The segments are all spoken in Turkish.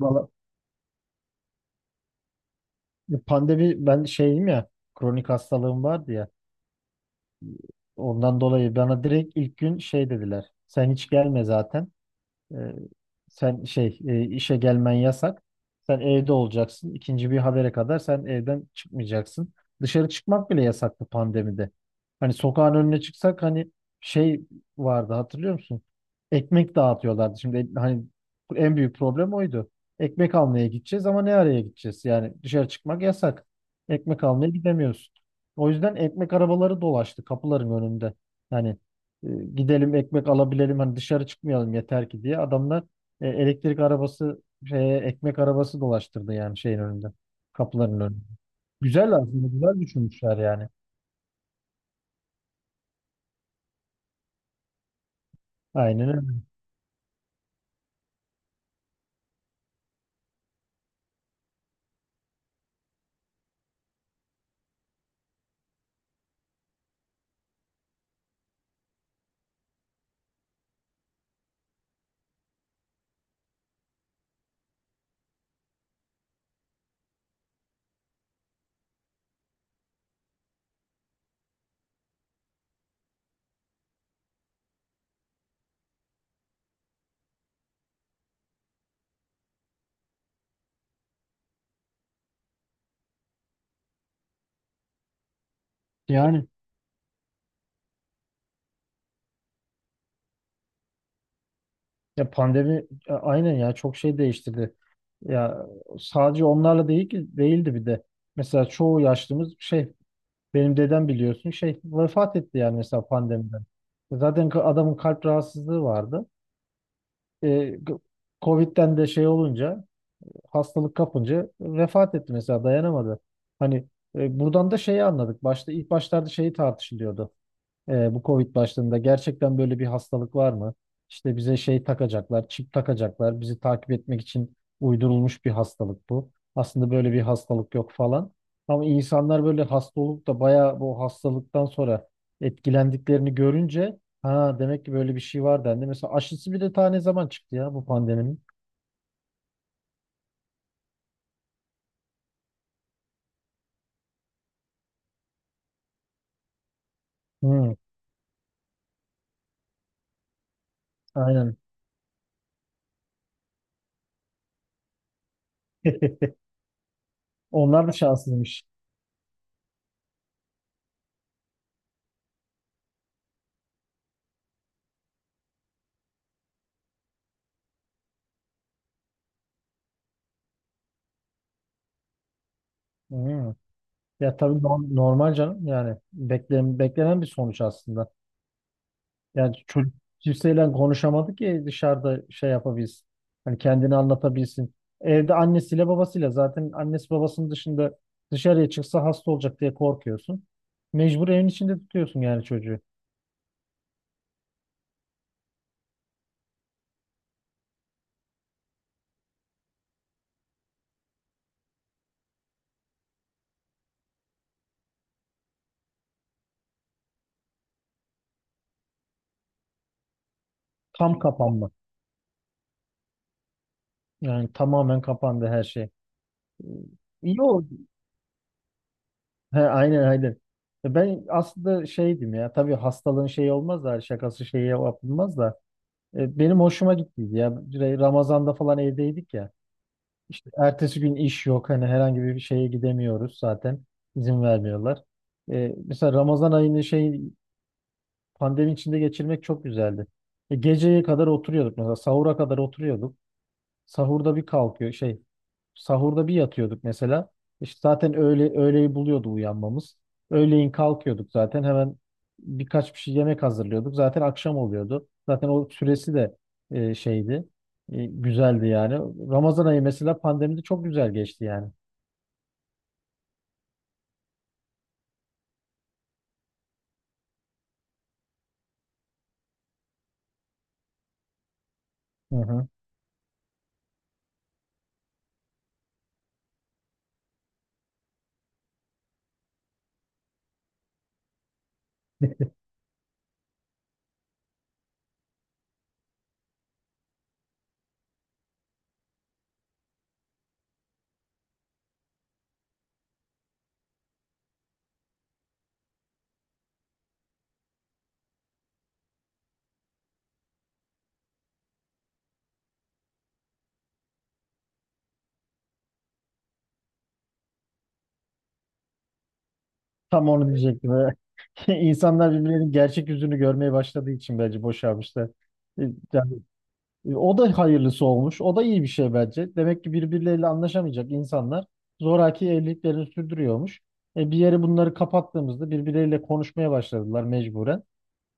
Valla, pandemi ben şeyim ya, kronik hastalığım vardı ya, ondan dolayı bana direkt ilk gün şey dediler, sen hiç gelme zaten. E, Sen şey işe gelmen yasak. Sen evde olacaksın. İkinci bir habere kadar sen evden çıkmayacaksın. Dışarı çıkmak bile yasaktı pandemide. Hani sokağın önüne çıksak hani şey vardı, hatırlıyor musun? Ekmek dağıtıyorlardı. Şimdi hani en büyük problem oydu. Ekmek almaya gideceğiz ama ne araya gideceğiz? Yani dışarı çıkmak yasak. Ekmek almaya gidemiyorsun. O yüzden ekmek arabaları dolaştı kapıların önünde. Yani e, gidelim ekmek alabilelim hani dışarı çıkmayalım yeter ki diye adamlar elektrik arabası şeye, ekmek arabası dolaştırdı yani şeyin önünde, kapıların önünde. Güzel, aslında güzel düşünmüşler yani. Aynen öyle. Yani ya pandemi aynen ya çok şey değiştirdi. Ya sadece onlarla değil ki değildi bir de. Mesela çoğu yaşlımız şey, benim dedem biliyorsun şey vefat etti yani, mesela pandemiden. Zaten adamın kalp rahatsızlığı vardı. E, g- Covid'den de şey olunca, hastalık kapınca vefat etti mesela, dayanamadı. Hani buradan da şeyi anladık. Başta, ilk başlarda şeyi tartışılıyordu. Bu Covid başladığında gerçekten böyle bir hastalık var mı? İşte bize şey takacaklar, çip takacaklar. Bizi takip etmek için uydurulmuş bir hastalık bu. Aslında böyle bir hastalık yok falan. Ama insanlar böyle hasta olup da bayağı bu hastalıktan sonra etkilendiklerini görünce, ha demek ki böyle bir şey var dendi. Mesela aşısı bir de tane zaman çıktı ya bu pandeminin. Hı, aynen. Onlar da şanslıymış. Hmm. Ya tabii normal canım, yani beklenen, bir sonuç aslında. Yani çocuk kimseyle konuşamadı ki dışarıda şey yapabilsin. Hani kendini anlatabilsin. Evde annesiyle babasıyla, zaten annesi babasının dışında dışarıya çıksa hasta olacak diye korkuyorsun. Mecbur evin içinde tutuyorsun yani çocuğu. Tam kapanma. Yani tamamen kapandı her şey. Ee, İyi oldu. He, aynen, aynen. Ben aslında şeydim ya, tabii hastalığın şeyi olmaz da, şakası şeyi yapılmaz da benim hoşuma gittiydi ya. Ramazan'da falan evdeydik ya. İşte ertesi gün iş yok, hani herhangi bir şeye gidemiyoruz zaten, izin vermiyorlar. Mesela Ramazan ayını şey, pandemi içinde geçirmek çok güzeldi. Geceye kadar oturuyorduk mesela, sahura kadar oturuyorduk. Sahurda bir kalkıyor şey, sahurda bir yatıyorduk mesela. İşte zaten öğleyi buluyordu uyanmamız. Öğleyin kalkıyorduk zaten, hemen birkaç bir şey yemek hazırlıyorduk. Zaten akşam oluyordu. Zaten o süresi de şeydi. Güzeldi yani. Ramazan ayı mesela pandemide çok güzel geçti yani. Hı hı. Tam onu diyecektim. İnsanlar birbirlerinin gerçek yüzünü görmeye başladığı için bence boşalmışlar. E, Yani o da hayırlısı olmuş. O da iyi bir şey bence. Demek ki birbirleriyle anlaşamayacak insanlar zoraki evliliklerini sürdürüyormuş. Bir yere bunları kapattığımızda birbirleriyle konuşmaya başladılar mecburen.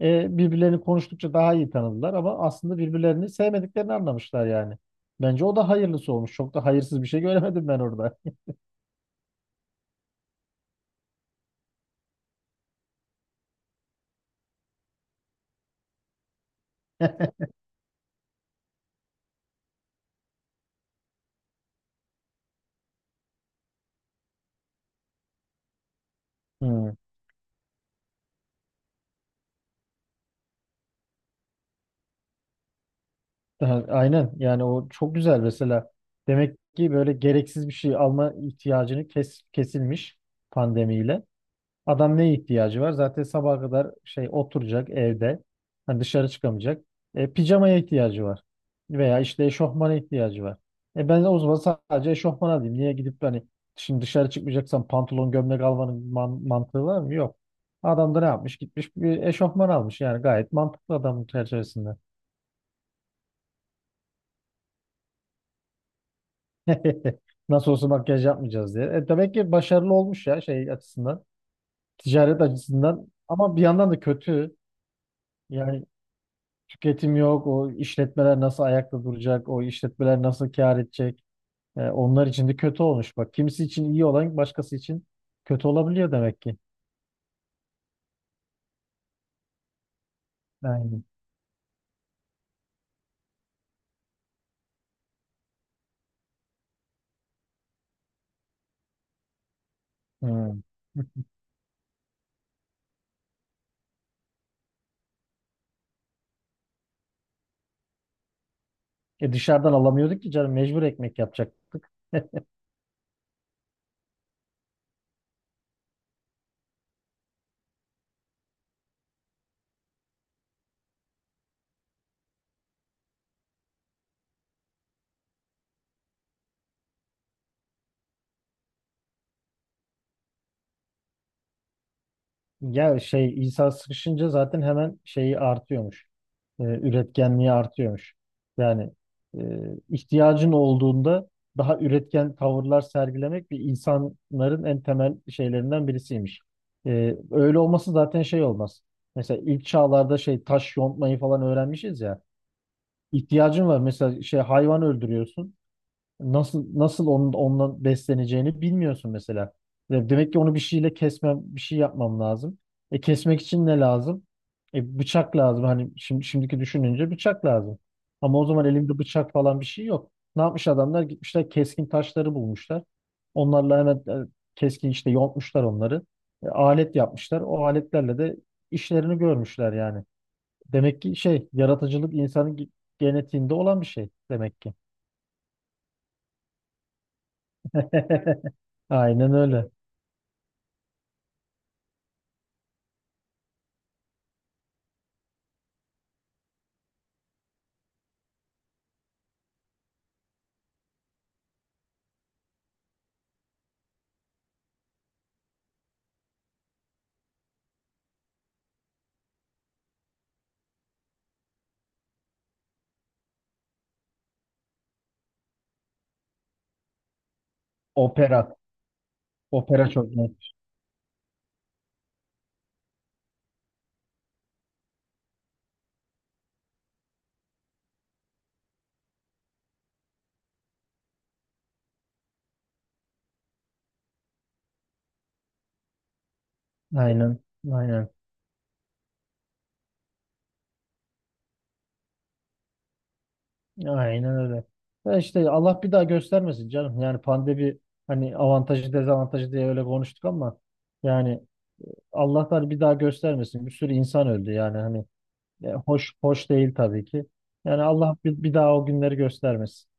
Birbirlerini konuştukça daha iyi tanıdılar, ama aslında birbirlerini sevmediklerini anlamışlar yani. Bence o da hayırlısı olmuş. Çok da hayırsız bir şey göremedim ben orada. Hmm. Ha, aynen, yani o çok güzel mesela. Demek ki böyle gereksiz bir şey alma ihtiyacını kesilmiş pandemiyle. Adam neye ihtiyacı var? Zaten sabaha kadar şey oturacak evde. Hani dışarı çıkamayacak. Pijamaya ihtiyacı var. Veya işte eşofmana ihtiyacı var. Ben o zaman sadece eşofman alayım. Niye gidip hani şimdi dışarı çıkmayacaksan pantolon gömlek almanın mantığı var mı? Yok. Adam da ne yapmış? Gitmiş bir eşofman almış. Yani gayet mantıklı adamın çerçevesinde. Nasıl olsa makyaj yapmayacağız diye. Demek ki başarılı olmuş ya şey açısından. Ticaret açısından. Ama bir yandan da kötü. Yani tüketim yok. O işletmeler nasıl ayakta duracak? O işletmeler nasıl kâr edecek? Onlar için de kötü olmuş. Bak, kimisi için iyi olan başkası için kötü olabiliyor demek ki. Aynen. Hmm. Dışarıdan alamıyorduk ki canım, mecbur ekmek yapacak. Ya şey İsa sıkışınca zaten hemen şeyi artıyormuş. Üretkenliği artıyormuş. Yani e, ihtiyacın olduğunda daha üretken tavırlar sergilemek bir insanların en temel şeylerinden birisiymiş. Öyle olması zaten şey olmaz. Mesela ilk çağlarda şey taş yontmayı falan öğrenmişiz ya. İhtiyacın var. Mesela şey hayvan öldürüyorsun. Nasıl, nasıl ondan besleneceğini bilmiyorsun mesela. Ya demek ki onu bir şeyle kesmem, bir şey yapmam lazım. Kesmek için ne lazım? Bıçak lazım. Hani şimdiki düşününce bıçak lazım. Ama o zaman elimde bıçak falan bir şey yok. Ne yapmış adamlar? Gitmişler, keskin taşları bulmuşlar. Onlarla hemen e, keskin işte yontmuşlar onları. Alet yapmışlar. O aletlerle de işlerini görmüşler yani. Demek ki şey yaratıcılık insanın genetiğinde olan bir şey demek ki. Aynen öyle. Opera. Opera çok net. Aynen. Aynen. Aynen öyle. Ya işte Allah bir daha göstermesin canım. Yani pandemi hani avantajı dezavantajı diye öyle konuştuk ama yani Allah, Allah'tan bir daha göstermesin. Bir sürü insan öldü yani, hani hoş, hoş değil tabii ki. Yani Allah bir daha o günleri göstermesin.